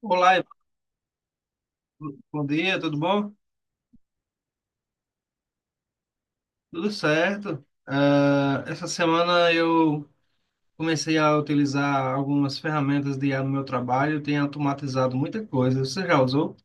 Olá, Ivan. Bom dia, tudo bom? Tudo certo. Essa semana eu comecei a utilizar algumas ferramentas de IA no meu trabalho. Eu tenho automatizado muita coisa. Você já usou?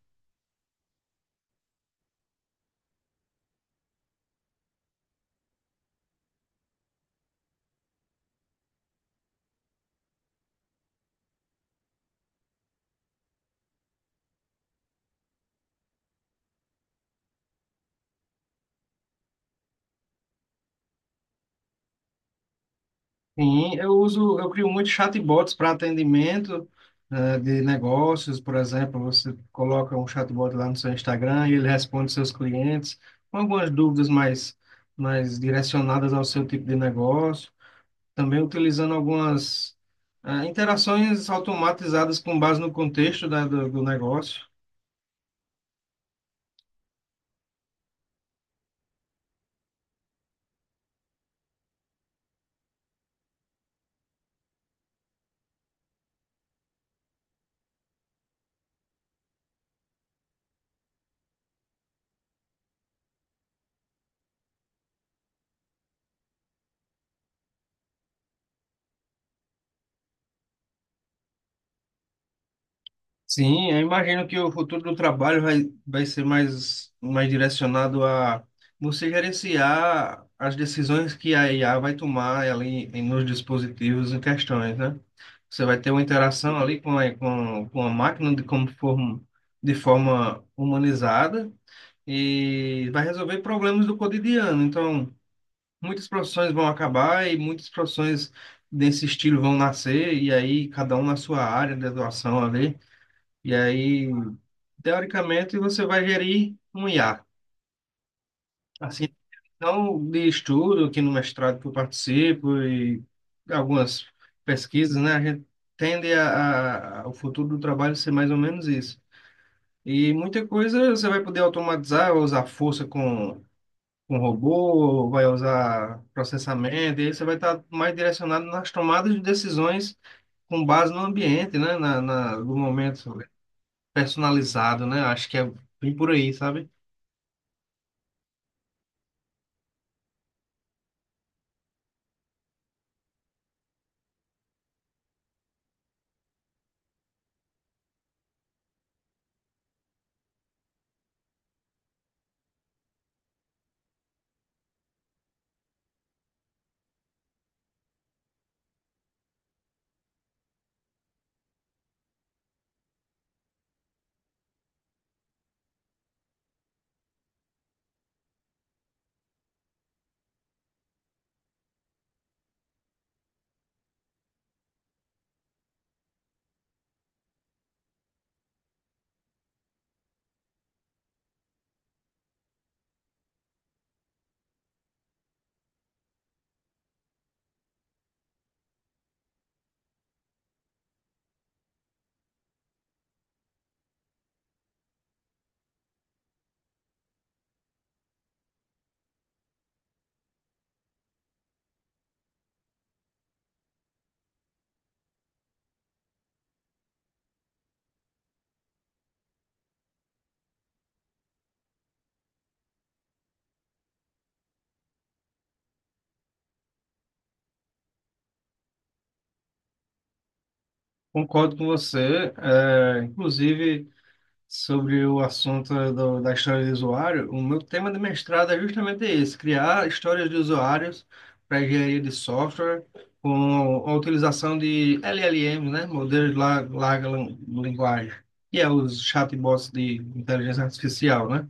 Sim, eu uso, eu crio muitos chatbots para atendimento, de negócios. Por exemplo, você coloca um chatbot lá no seu Instagram e ele responde seus clientes com algumas mais direcionadas ao seu tipo de negócio. Também utilizando algumas interações automatizadas com base no contexto do negócio. Sim, eu imagino que o futuro do trabalho vai ser mais direcionado a você gerenciar as decisões que a IA vai tomar ali em- nos dispositivos em questões, né? Você vai ter uma interação ali com com a máquina de, como forma, de forma humanizada, e vai resolver problemas do cotidiano. Então, muitas profissões vão acabar e muitas profissões desse estilo vão nascer, e aí cada um na sua área de atuação ali. E aí, teoricamente, você vai gerir um IA. Assim, então de estudo, aqui no mestrado que eu participo e algumas pesquisas, né? A gente tende a o futuro do trabalho ser mais ou menos isso. E muita coisa você vai poder automatizar, ou usar força com robô, vai usar processamento, e aí você vai estar mais direcionado nas tomadas de decisões com base no ambiente, né? No momento personalizado, né? Acho que é bem por aí, sabe? Concordo com você. É, inclusive, sobre o assunto do- da história do usuário, o meu tema de mestrado é justamente esse, criar histórias de usuários para engenharia de software com a utilização de LLMs, né, modelos de la- larga lan- linguagem, que é os chatbots de inteligência artificial, né?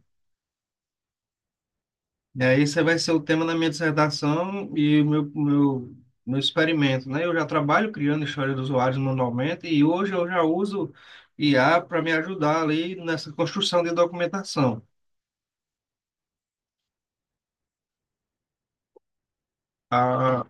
E aí esse vai ser o tema da minha dissertação e o meu experimento, né? Eu já trabalho criando história dos usuários manualmente e hoje eu já uso IA para me ajudar ali nessa construção de documentação. Ah,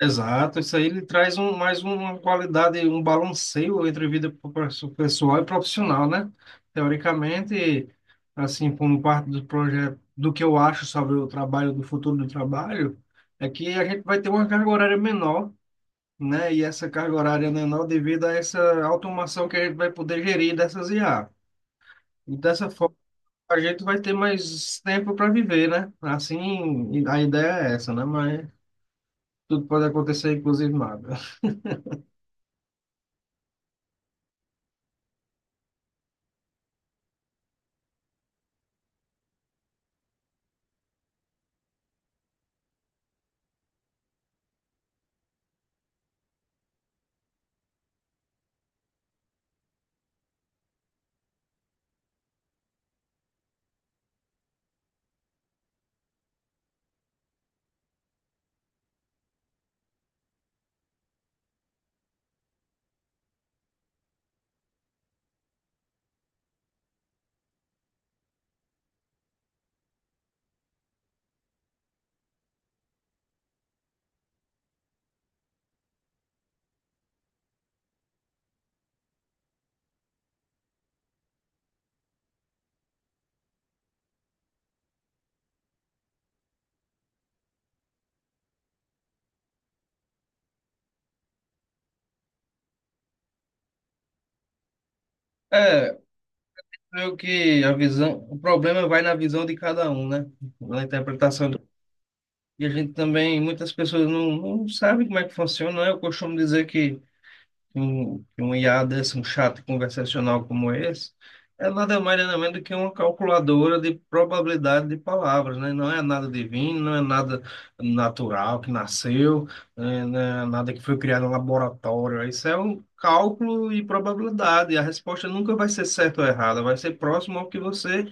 Exato, isso aí ele traz uma qualidade, um balanceio entre vida pro- pessoal e profissional, né? Teoricamente, assim, como parte do projeto, do que eu acho sobre o trabalho, do futuro do trabalho, é que a gente vai ter uma carga horária menor, né? E essa carga horária menor devido a essa automação que a gente vai poder gerir dessas IA. E dessa forma, a gente vai ter mais tempo para viver, né? Assim, a ideia é essa, né? Mas tudo pode acontecer, inclusive nada. É, creio que a visão, o problema vai na visão de cada um, né? Na interpretação do- E a gente também, muitas pessoas não sabem como é que funciona, né? Eu costumo dizer que um IA desse, um chat conversacional como esse, é nada mais nada menos do que uma calculadora de probabilidade de palavras, né? Não é nada divino, não é nada natural que nasceu, né? Não é nada que foi criado em laboratório. Isso é um cálculo e probabilidade. A resposta nunca vai ser certa ou errada, vai ser próximo ao que você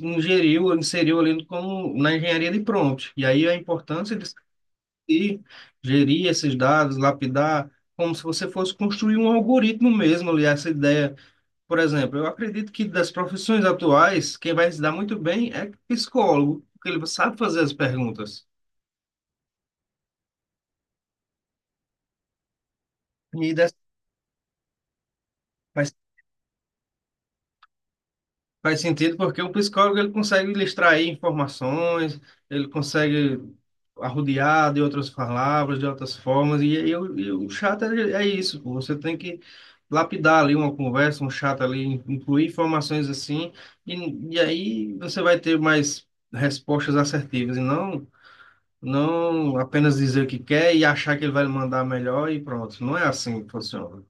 ingeriu, inseriu ali como na engenharia de prompt. E aí a importância de e gerir esses dados, lapidar, como se você fosse construir um algoritmo mesmo ali, essa ideia. Por exemplo, eu acredito que das profissões atuais, quem vai se dar muito bem é psicólogo, porque ele sabe fazer as perguntas. E das- vai. Faz sentido porque o psicólogo ele consegue lhe extrair informações, ele consegue arrodear de outras palavras, de outras formas, e aí o e o chato é isso, pô. Você tem que lapidar ali uma conversa, um chato ali, incluir informações assim, e aí você vai ter mais respostas assertivas, não apenas dizer o que quer e achar que ele vai lhe mandar melhor e pronto. Não é assim que funciona.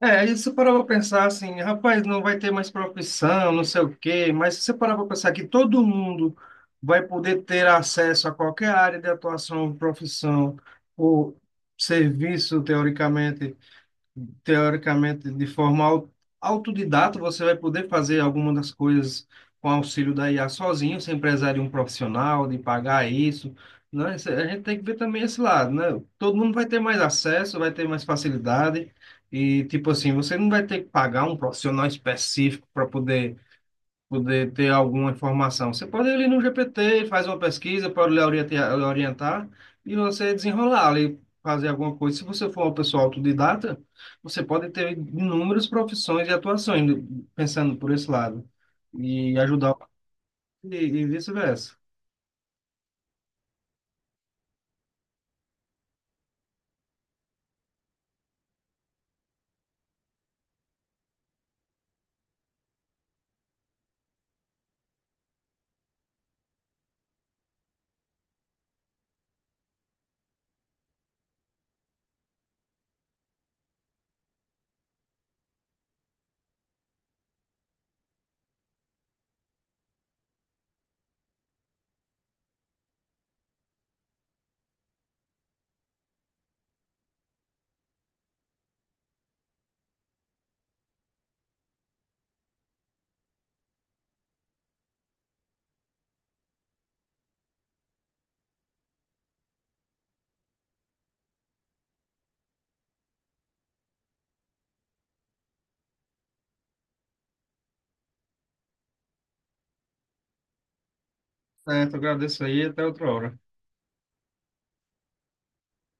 É, aí você parava para pensar assim, rapaz, não vai ter mais profissão, não sei o quê, mas se você parar para pensar que todo mundo vai poder ter acesso a qualquer área de atuação, profissão ou serviço, teoricamente, de forma au- autodidata, você vai poder fazer algumas das coisas com auxílio da IA sozinho, sem precisar de um profissional, de pagar isso, né? Isso- A gente tem que ver também esse lado, né? Todo mundo vai ter mais acesso, vai ter mais facilidade e, tipo assim, você não vai ter que pagar um profissional específico para poder ter alguma informação. Você pode ir ali no GPT, faz uma pesquisa, pode lhe orientar e você desenrolar ali, fazer alguma coisa. Se você for uma pessoa autodidata, você pode ter inúmeras profissões e atuações, pensando por esse lado, e ajudar e vice-versa. Certo, agradeço aí, até outra hora.